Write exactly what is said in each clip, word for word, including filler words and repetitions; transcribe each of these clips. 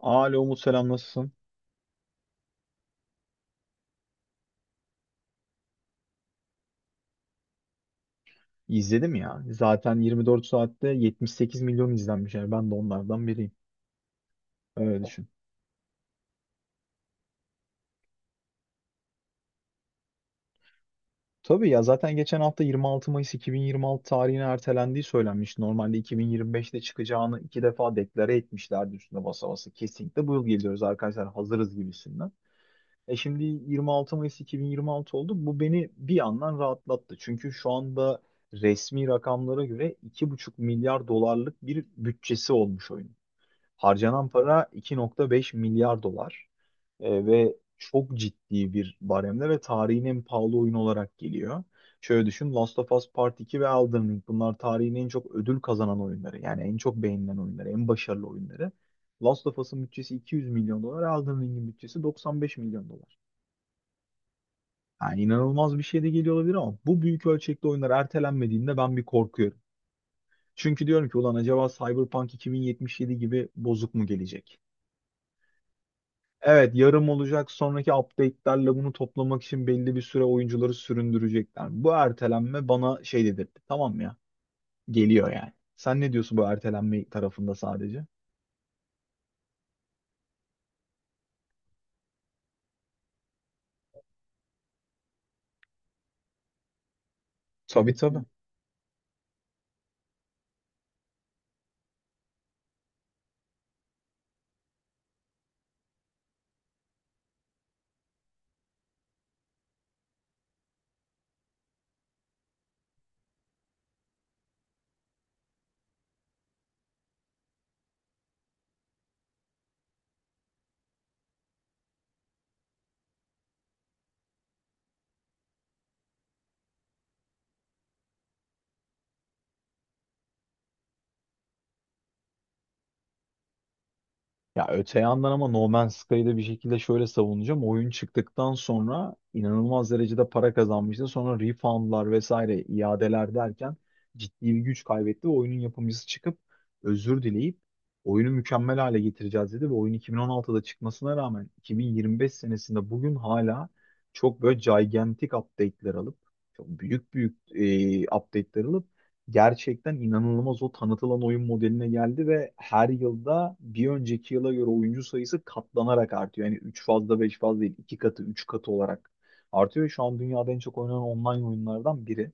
Alo Umut selam nasılsın? İzledim ya. Zaten yirmi dört saatte 78 milyon izlenmiş. Yani ben de onlardan biriyim. Öyle düşün. Tabii ya, zaten geçen hafta yirmi altı Mayıs iki bin yirmi altı tarihine ertelendiği söylenmiş. Normalde iki bin yirmi beşte çıkacağını iki defa deklare etmişlerdi, üstüne basa basa. Kesinlikle bu yıl geliyoruz arkadaşlar, hazırız gibisinden. E şimdi yirmi altı Mayıs iki bin yirmi altı oldu. Bu beni bir yandan rahatlattı. Çünkü şu anda resmi rakamlara göre iki buçuk milyar dolarlık bir bütçesi olmuş oyun. Harcanan para iki nokta beş milyar dolar. E, ve çok ciddi bir baremde ve tarihin en pahalı oyunu olarak geliyor. Şöyle düşün, Last of Us Part iki ve Elden Ring, bunlar tarihin en çok ödül kazanan oyunları. Yani en çok beğenilen oyunları, en başarılı oyunları. Last of Us'ın bütçesi iki yüz milyon dolar, Elden Ring'in bütçesi doksan beş milyon dolar. Yani inanılmaz bir şey de geliyor olabilir ama bu büyük ölçekli oyunlar ertelenmediğinde ben bir korkuyorum. Çünkü diyorum ki ulan, acaba Cyberpunk iki bin yetmiş yedi gibi bozuk mu gelecek? Evet, yarım olacak, sonraki update'lerle bunu toplamak için belli bir süre oyuncuları süründürecekler. Bu ertelenme bana şey dedirtti, tamam mı ya? Geliyor yani. Sen ne diyorsun bu ertelenme tarafında, sadece? Tabii, tabii. Ya öte yandan, ama No Man's Sky'ı da bir şekilde şöyle savunacağım. Oyun çıktıktan sonra inanılmaz derecede para kazanmıştı. Sonra refundlar vesaire iadeler derken ciddi bir güç kaybetti ve oyunun yapımcısı çıkıp özür dileyip oyunu mükemmel hale getireceğiz dedi ve oyun iki bin on altıda çıkmasına rağmen iki bin yirmi beş senesinde bugün hala çok böyle gigantic update'ler alıp, çok büyük büyük e, update'ler alıp gerçekten inanılmaz o tanıtılan oyun modeline geldi ve her yılda bir önceki yıla göre oyuncu sayısı katlanarak artıyor. Yani üç fazla beş fazla değil, iki katı üç katı olarak artıyor. Şu an dünyada en çok oynanan online oyunlardan biri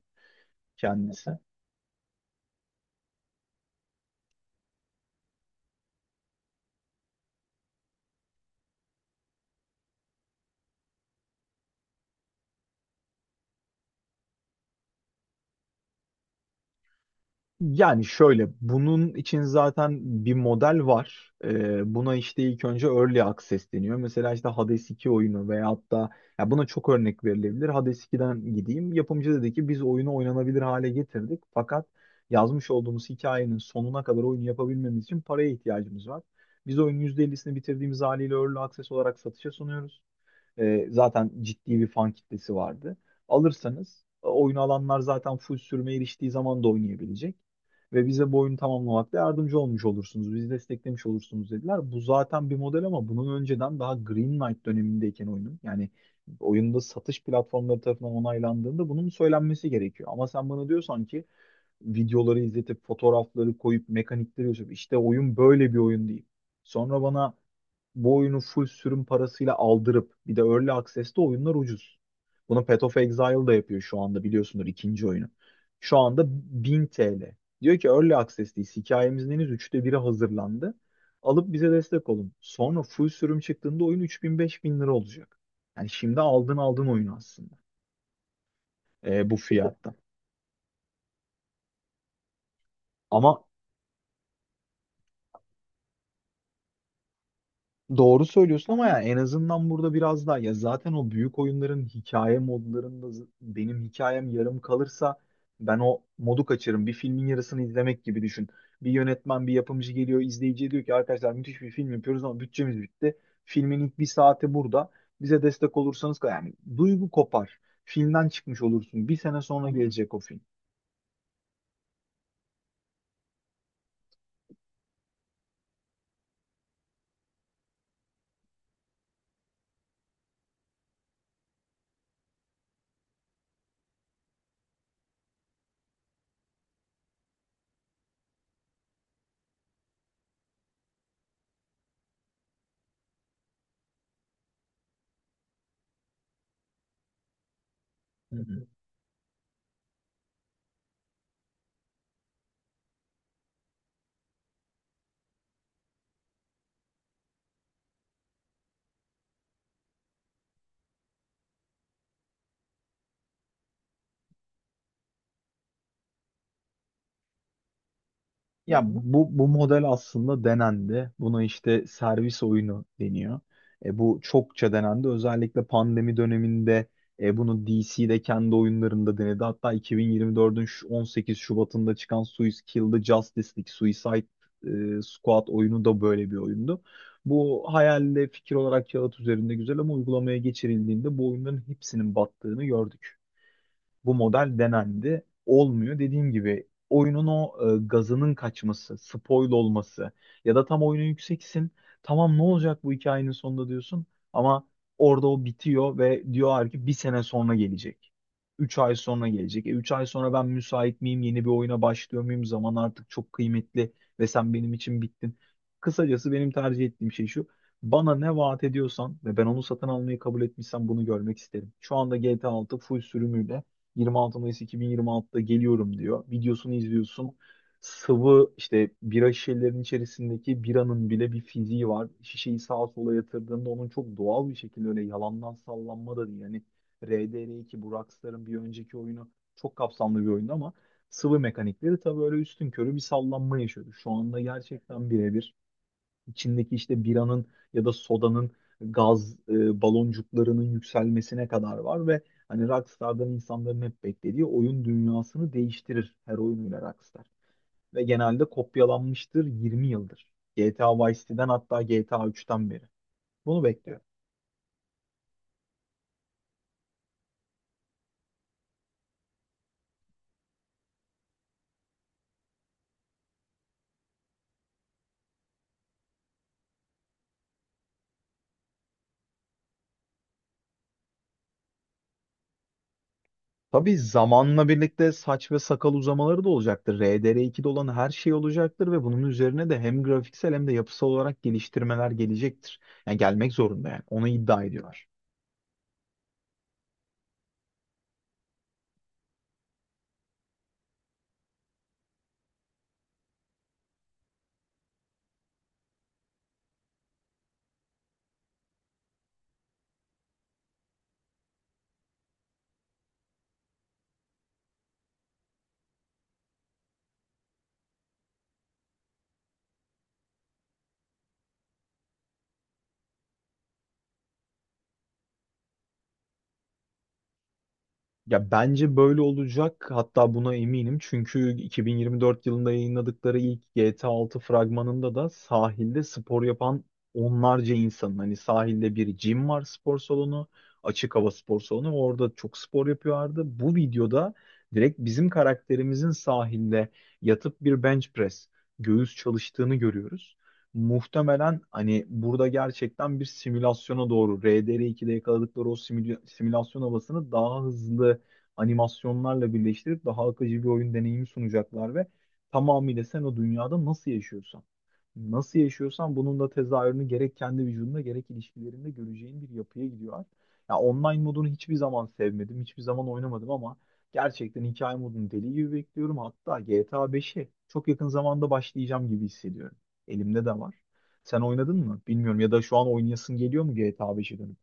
kendisi. Yani şöyle, bunun için zaten bir model var. Ee, buna işte ilk önce Early Access deniyor. Mesela işte Hades iki oyunu veyahut da, ya buna çok örnek verilebilir. Hades iki'den gideyim. Yapımcı dedi ki biz oyunu oynanabilir hale getirdik. Fakat yazmış olduğumuz hikayenin sonuna kadar oyunu yapabilmemiz için paraya ihtiyacımız var. Biz oyunun yüzde ellisini bitirdiğimiz haliyle Early Access olarak satışa sunuyoruz. E, zaten ciddi bir fan kitlesi vardı. Alırsanız, e, oyunu alanlar zaten full sürmeye eriştiği zaman da oynayabilecek. Ve bize bu oyunu tamamlamakta yardımcı olmuş olursunuz. Bizi desteklemiş olursunuz dediler. Bu zaten bir model, ama bunun önceden daha Green Knight dönemindeyken, oyunun, yani oyunda satış platformları tarafından onaylandığında bunun söylenmesi gerekiyor. Ama sen bana diyorsan ki videoları izletip, fotoğrafları koyup, mekanikleri yazıp işte oyun böyle bir oyun değil. Sonra bana bu oyunu full sürüm parasıyla aldırıp, bir de Early Access'te oyunlar ucuz. Bunu Path of Exile da yapıyor şu anda, biliyorsunuz, ikinci oyunu. Şu anda bin T L. Diyor ki Early Access, değil, hikayemizin henüz üçte biri hazırlandı. Alıp bize destek olun. Sonra full sürüm çıktığında oyun üç bin beş bin lira olacak. Yani şimdi aldın aldın oyunu aslında. E, bu fiyatta. Ama doğru söylüyorsun, ama ya en azından burada biraz daha, ya zaten o büyük oyunların hikaye modlarında, z- benim hikayem yarım kalırsa ben o modu kaçırırım. Bir filmin yarısını izlemek gibi düşün. Bir yönetmen, bir yapımcı geliyor, izleyiciye diyor ki arkadaşlar müthiş bir film yapıyoruz ama bütçemiz bitti. Filmin ilk bir saati burada. Bize destek olursanız, yani, duygu kopar. Filmden çıkmış olursun. Bir sene sonra gelecek o film. Ya bu, bu model aslında denendi. Buna işte servis oyunu deniyor. E, bu çokça denendi. Özellikle pandemi döneminde e, bunu D C'de kendi oyunlarında denedi. Hatta iki bin yirmi dördün şu- on sekiz Şubat'ında çıkan Suicide Kill the Justice League, Suicide e, Squad oyunu da böyle bir oyundu. Bu hayalde fikir olarak kağıt üzerinde güzel ama uygulamaya geçirildiğinde bu oyunların hepsinin battığını gördük. Bu model denendi. Olmuyor. Dediğim gibi oyunun o e, gazının kaçması, spoil olması, ya da tam oyuna yükseksin. Tamam, ne olacak bu hikayenin sonunda diyorsun ama orada o bitiyor ve diyorlar ki bir sene sonra gelecek. Üç ay sonra gelecek. E üç ay sonra ben müsait miyim? Yeni bir oyuna başlıyor muyum? Zaman artık çok kıymetli ve sen benim için bittin. Kısacası benim tercih ettiğim şey şu. Bana ne vaat ediyorsan ve ben onu satın almayı kabul etmişsem bunu görmek isterim. Şu anda G T A altı full sürümüyle yirmi altı Mayıs iki bin yirmi altıda geliyorum diyor. Videosunu izliyorsun. Sıvı, işte bira şişelerinin içerisindeki biranın bile bir fiziği var. Şişeyi sağa sola yatırdığında onun çok doğal bir şekilde, öyle yalandan sallanma da değil. Yani RDR iki, bu Rockstar'ın bir önceki oyunu, çok kapsamlı bir oyundu ama sıvı mekanikleri tabii öyle üstün körü bir sallanma yaşıyordu. Şu anda gerçekten birebir içindeki işte biranın ya da sodanın gaz e, baloncuklarının yükselmesine kadar var ve hani Rockstar'dan insanların hep beklediği, oyun dünyasını değiştirir her oyunuyla Rockstar. Ve genelde kopyalanmıştır yirmi yıldır. G T A Vice City'den, hatta G T A üçten beri. Bunu bekliyorum. Tabii zamanla birlikte saç ve sakal uzamaları da olacaktır. R D R ikide olan her şey olacaktır ve bunun üzerine de hem grafiksel hem de yapısal olarak geliştirmeler gelecektir. Yani gelmek zorunda yani. Onu iddia ediyorlar. Ya bence böyle olacak. Hatta buna eminim. Çünkü iki bin yirmi dört yılında yayınladıkları ilk G T A altı fragmanında da sahilde spor yapan onlarca insanın, hani sahilde bir gym var, spor salonu, açık hava spor salonu. Orada çok spor yapıyorlardı. Bu videoda direkt bizim karakterimizin sahilde yatıp bir bench press, göğüs çalıştığını görüyoruz. Muhtemelen hani burada gerçekten bir simülasyona doğru, R D R ikide yakaladıkları o simüla- simülasyon havasını daha hızlı animasyonlarla birleştirip daha akıcı bir oyun deneyimi sunacaklar ve tamamıyla sen o dünyada nasıl yaşıyorsan, nasıl yaşıyorsan bunun da tezahürünü gerek kendi vücudunda gerek ilişkilerinde göreceğin bir yapıya gidiyorlar. Ya online modunu hiçbir zaman sevmedim, hiçbir zaman oynamadım ama gerçekten hikaye modunu deli gibi bekliyorum. Hatta G T A beşe çok yakın zamanda başlayacağım gibi hissediyorum. Elimde de var. Sen oynadın mı, bilmiyorum, ya da şu an oynayasın geliyor mu G T A beşe dönüp?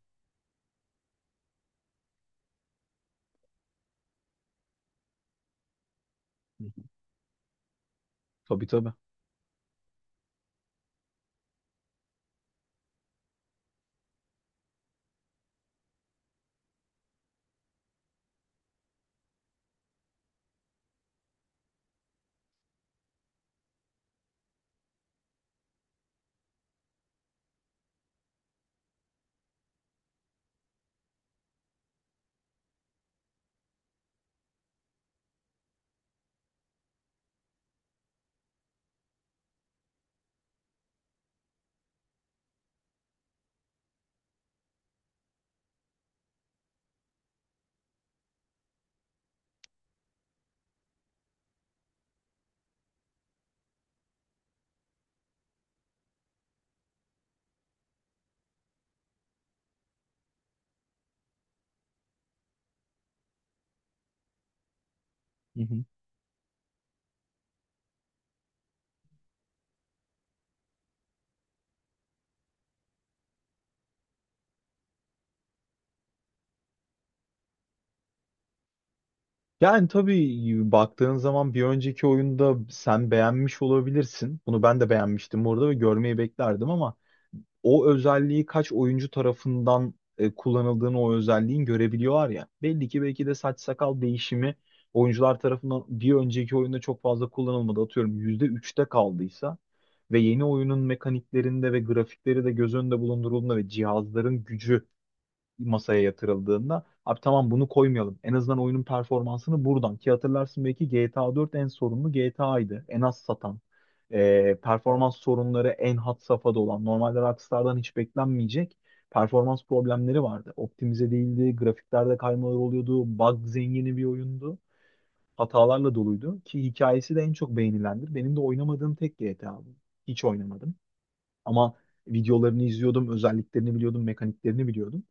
Hı hı. Tabii, tabii. Hı hı. Yani tabii, baktığın zaman bir önceki oyunda sen beğenmiş olabilirsin. Bunu ben de beğenmiştim orada ve görmeyi beklerdim ama o özelliği kaç oyuncu tarafından e, kullanıldığını o özelliğin görebiliyorlar ya. Belli ki belki de saç sakal değişimi oyuncular tarafından bir önceki oyunda çok fazla kullanılmadı. Atıyorum yüzde üçte kaldıysa ve yeni oyunun mekaniklerinde ve grafikleri de göz önünde bulundurulduğunda ve cihazların gücü masaya yatırıldığında, abi tamam, bunu koymayalım. En azından oyunun performansını buradan, ki hatırlarsın belki, G T A dört en sorunlu G T A'ydı. En az satan, e, performans sorunları en had safhada olan. Normalde Rockstar'dan hiç beklenmeyecek performans problemleri vardı. Optimize değildi, grafiklerde kaymalar oluyordu, bug zengini bir oyundu. Hatalarla doluydu ki hikayesi de en çok beğenilendir. Benim de oynamadığım tek G T A bu. Hiç oynamadım. Ama videolarını izliyordum, özelliklerini biliyordum, mekaniklerini biliyordum.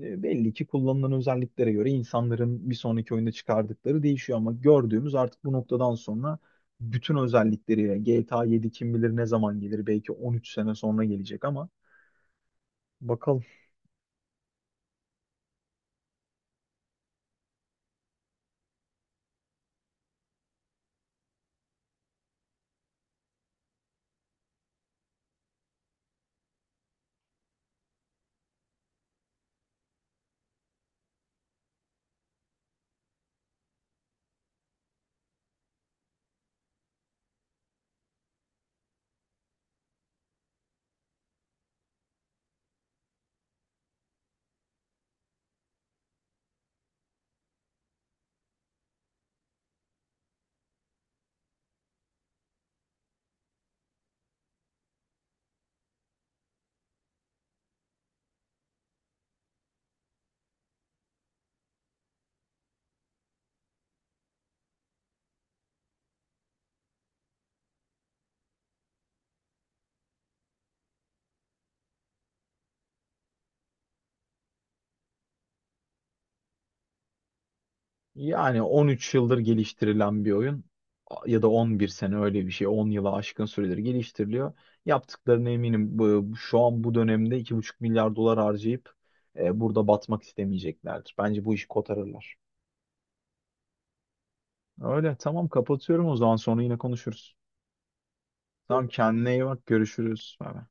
E, Belli ki kullanılan özelliklere göre insanların bir sonraki oyunda çıkardıkları değişiyor ama gördüğümüz artık bu noktadan sonra bütün özellikleriyle G T A yedi kim bilir ne zaman gelir, belki on üç sene sonra gelecek, ama bakalım. Yani on üç yıldır geliştirilen bir oyun, ya da on bir sene, öyle bir şey, on yıla aşkın süredir geliştiriliyor. Yaptıklarına eminim, bu şu an bu dönemde iki buçuk milyar dolar harcayıp e, burada batmak istemeyeceklerdir. Bence bu işi kotarırlar. Öyle tamam, kapatıyorum o zaman, sonra yine konuşuruz. Tamam, kendine iyi bak, görüşürüz. Bay bay.